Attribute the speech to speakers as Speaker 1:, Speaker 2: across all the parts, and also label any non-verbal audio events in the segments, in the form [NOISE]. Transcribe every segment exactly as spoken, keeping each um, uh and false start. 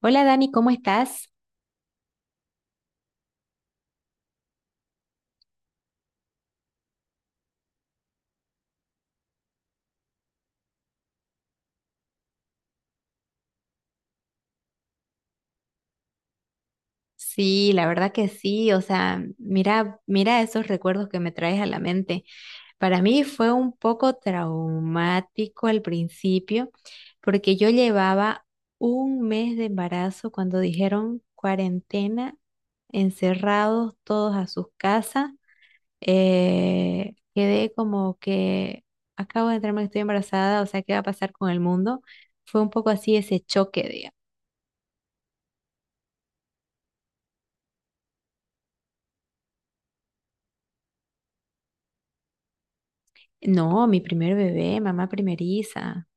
Speaker 1: Hola Dani, ¿cómo estás? Sí, la verdad que sí, o sea, mira, mira esos recuerdos que me traes a la mente. Para mí fue un poco traumático al principio, porque yo llevaba un mes de embarazo cuando dijeron cuarentena, encerrados todos a sus casas. Eh, quedé como que acabo de enterarme que estoy embarazada, o sea, ¿qué va a pasar con el mundo? Fue un poco así ese choque. No, mi primer bebé, mamá primeriza.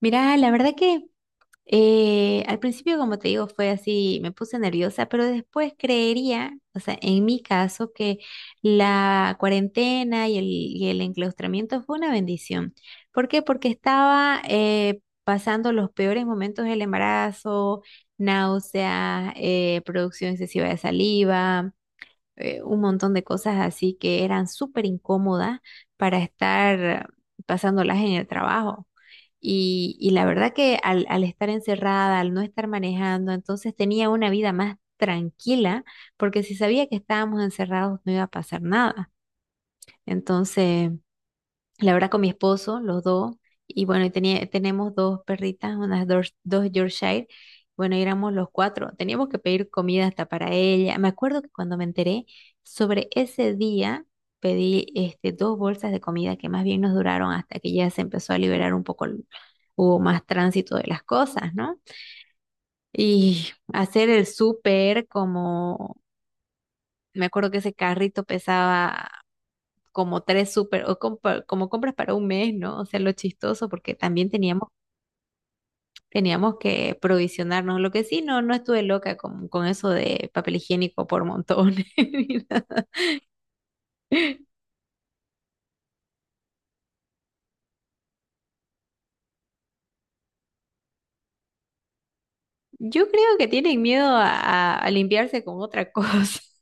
Speaker 1: Mira, la verdad que eh, al principio, como te digo, fue así, me puse nerviosa, pero después creería, o sea, en mi caso, que la cuarentena y el, y el enclaustramiento fue una bendición. ¿Por qué? Porque estaba eh, pasando los peores momentos del embarazo, náuseas, eh, producción excesiva de saliva. Eh, un montón de cosas así que eran súper incómodas para estar pasándolas en el trabajo. Y, y la verdad que al, al estar encerrada, al no estar manejando, entonces tenía una vida más tranquila, porque si sabía que estábamos encerrados no iba a pasar nada. Entonces, la verdad con mi esposo, los dos, y bueno, y tenía, tenemos dos perritas, unas dos, dos Yorkshire, bueno, y éramos los cuatro, teníamos que pedir comida hasta para ella. Me acuerdo que cuando me enteré sobre ese día, pedí este, dos bolsas de comida que más bien nos duraron hasta que ya se empezó a liberar un poco, el- hubo más tránsito de las cosas, ¿no? Y hacer el súper como. Me acuerdo que ese carrito pesaba como tres súper, o compa- como compras para un mes, ¿no? O sea, lo chistoso, porque también teníamos, teníamos que provisionarnos. Lo que sí, no, no estuve loca con, con eso de papel higiénico por montones. [LAUGHS] ni nada. Yo creo que tienen miedo a, a- a limpiarse con otra cosa. [LAUGHS]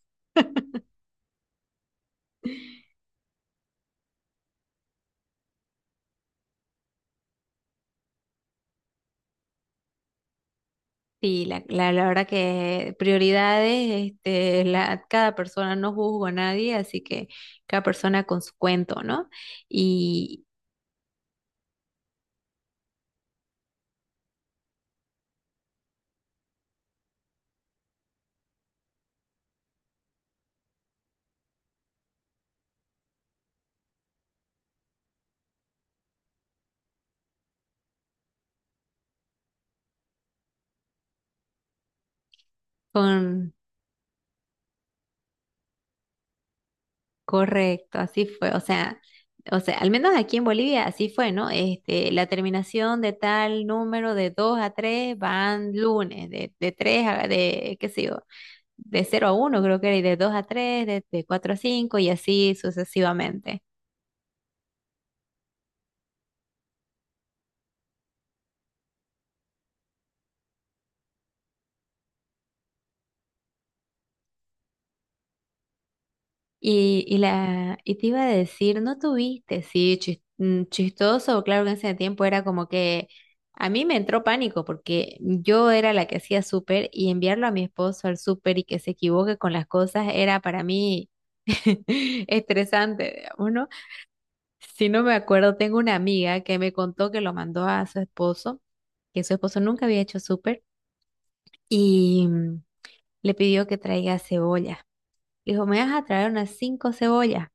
Speaker 1: Sí, la, la, la verdad que prioridades, este, la, cada persona, no juzgo a nadie, así que cada persona con su cuento, ¿no? Y, con Correcto, así fue. O sea, o sea, al menos aquí en Bolivia así fue, ¿no? Este, la terminación de tal número de dos a tres van lunes, de, de tres, a, de, qué sé yo, de cero a uno creo que era, y de dos a tres, de, de cuatro a cinco y así sucesivamente. Y, y, la, y te iba a decir, ¿no tuviste? Sí, chis- mm, chistoso, claro que en ese tiempo era como que a mí me entró pánico porque yo era la que hacía súper y enviarlo a mi esposo al súper y que se equivoque con las cosas era para mí [LAUGHS] estresante, digamos, ¿no? Si no me acuerdo, tengo una amiga que me contó que lo mandó a su esposo, que su esposo nunca había hecho súper y mm, le pidió que traiga cebolla. Le dijo, me vas a traer unas cinco cebollas.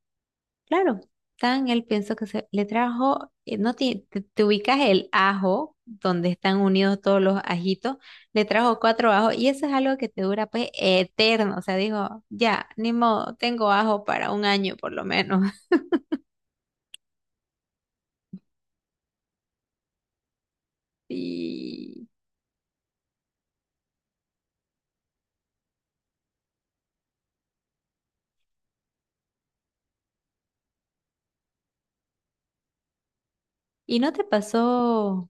Speaker 1: Claro, tan el pienso que se le trajo, eh, no ti- te, te ubicas el ajo, donde están unidos todos los ajitos, le trajo cuatro ajos y eso es algo que te dura pues eterno, o sea, digo, ya, ni modo, tengo ajo para un año por lo menos. [LAUGHS] Y, y no te pasó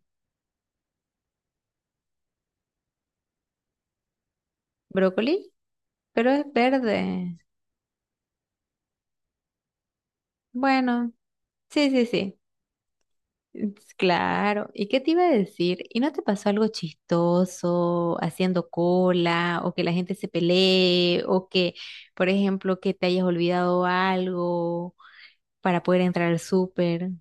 Speaker 1: brócoli, pero es verde. Bueno, sí, sí, sí. Es claro, ¿y qué te iba a decir? ¿Y no te pasó algo chistoso haciendo cola o que la gente se pelee o que, por ejemplo, que te hayas olvidado algo para poder entrar al súper?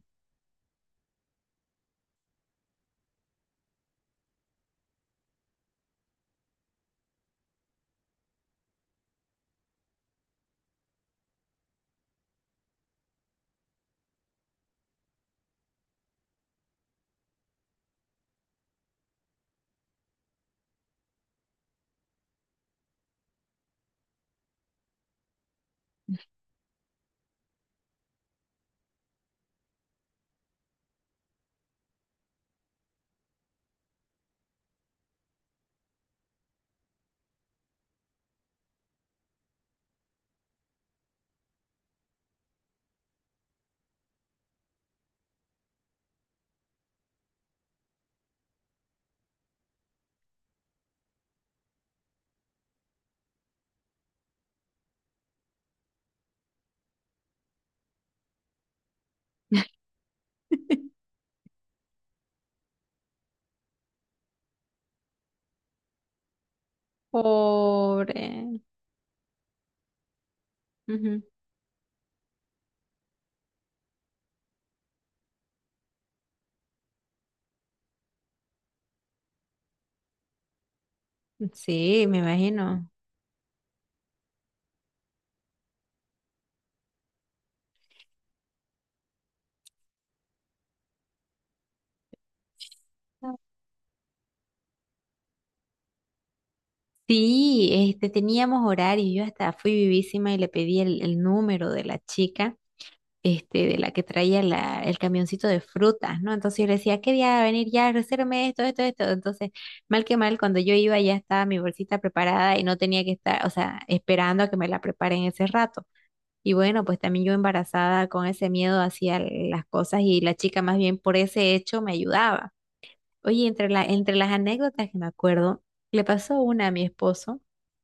Speaker 1: [LAUGHS] Pobre. Ujú. Sí, me imagino. Sí, este, teníamos horario, yo hasta fui vivísima y le pedí el, el número de la chica este, de la que traía la- el camioncito de frutas, ¿no? Entonces yo le decía, ¿qué día va a venir ya? Resérvame esto, esto, esto. Entonces, mal que mal, cuando yo iba ya estaba mi bolsita preparada y no tenía que estar, o sea, esperando a que me la preparen ese rato. Y bueno, pues también yo embarazada con ese miedo hacía las cosas y la chica más bien por ese hecho me ayudaba. Oye, entre la, entre las anécdotas que me acuerdo, le pasó una a mi esposo.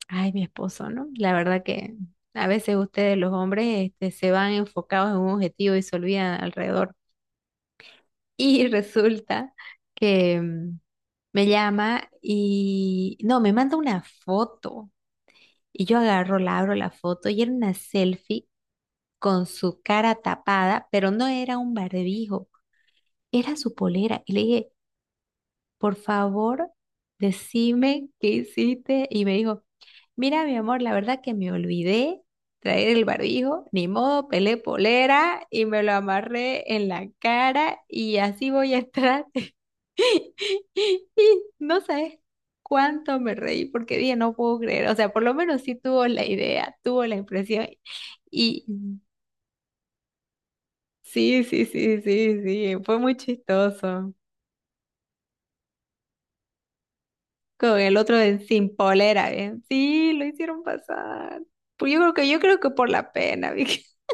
Speaker 1: Ay, mi esposo, ¿no? La verdad que a veces ustedes, los hombres, este, se van enfocados en un objetivo y se olvidan alrededor. Y [LAUGHS] resulta que mm, me llama y no, me manda una foto. Y yo agarro, la abro la foto y era una selfie con su cara tapada, pero no era un barbijo, era su polera. Y le dije, por favor, decime qué hiciste. Y me dijo, mira, mi amor, la verdad que me olvidé traer el barbijo, ni modo, pelé polera y me lo amarré en la cara y así voy a estar. [LAUGHS] Y no sabes cuánto me reí porque dije, no puedo creer. O sea, por lo menos sí tuvo la idea, tuvo la impresión. Y sí, sí, sí, sí, sí, fue muy chistoso. Con el otro de sin polera, ¿bien? Sí, lo hicieron pasar. Pues yo creo que, yo creo que por la pena, Vicky. [LAUGHS]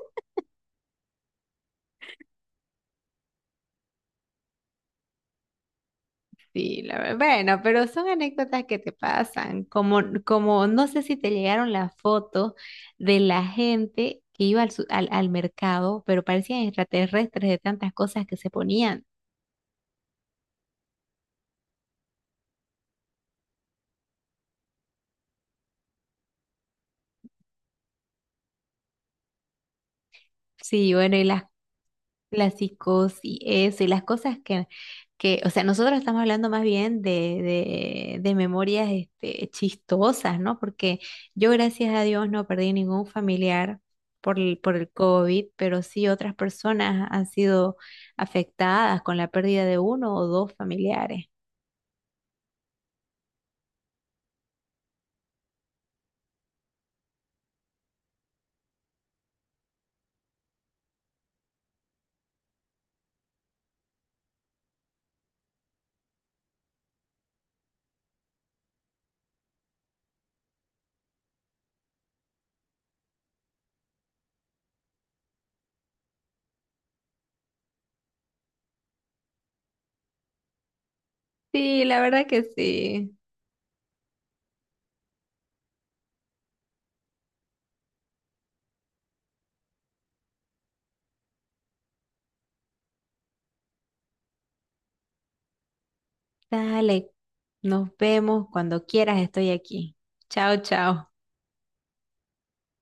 Speaker 1: Sí, la verdad. Bueno, pero son anécdotas que te pasan. Como, como no sé si te llegaron las fotos de la gente que iba al, su- al, al mercado, pero parecían extraterrestres de tantas cosas que se ponían. Sí, bueno, y las la psicosis, eso, y las cosas que, que, o sea, nosotros estamos hablando más bien de, de, de memorias este, chistosas, ¿no? Porque yo, gracias a Dios, no perdí ningún familiar por el, por el COVID, pero sí otras personas han sido afectadas con la pérdida de uno o dos familiares. Sí, la verdad que sí. Dale, nos vemos cuando quieras, estoy aquí. Chao, chao.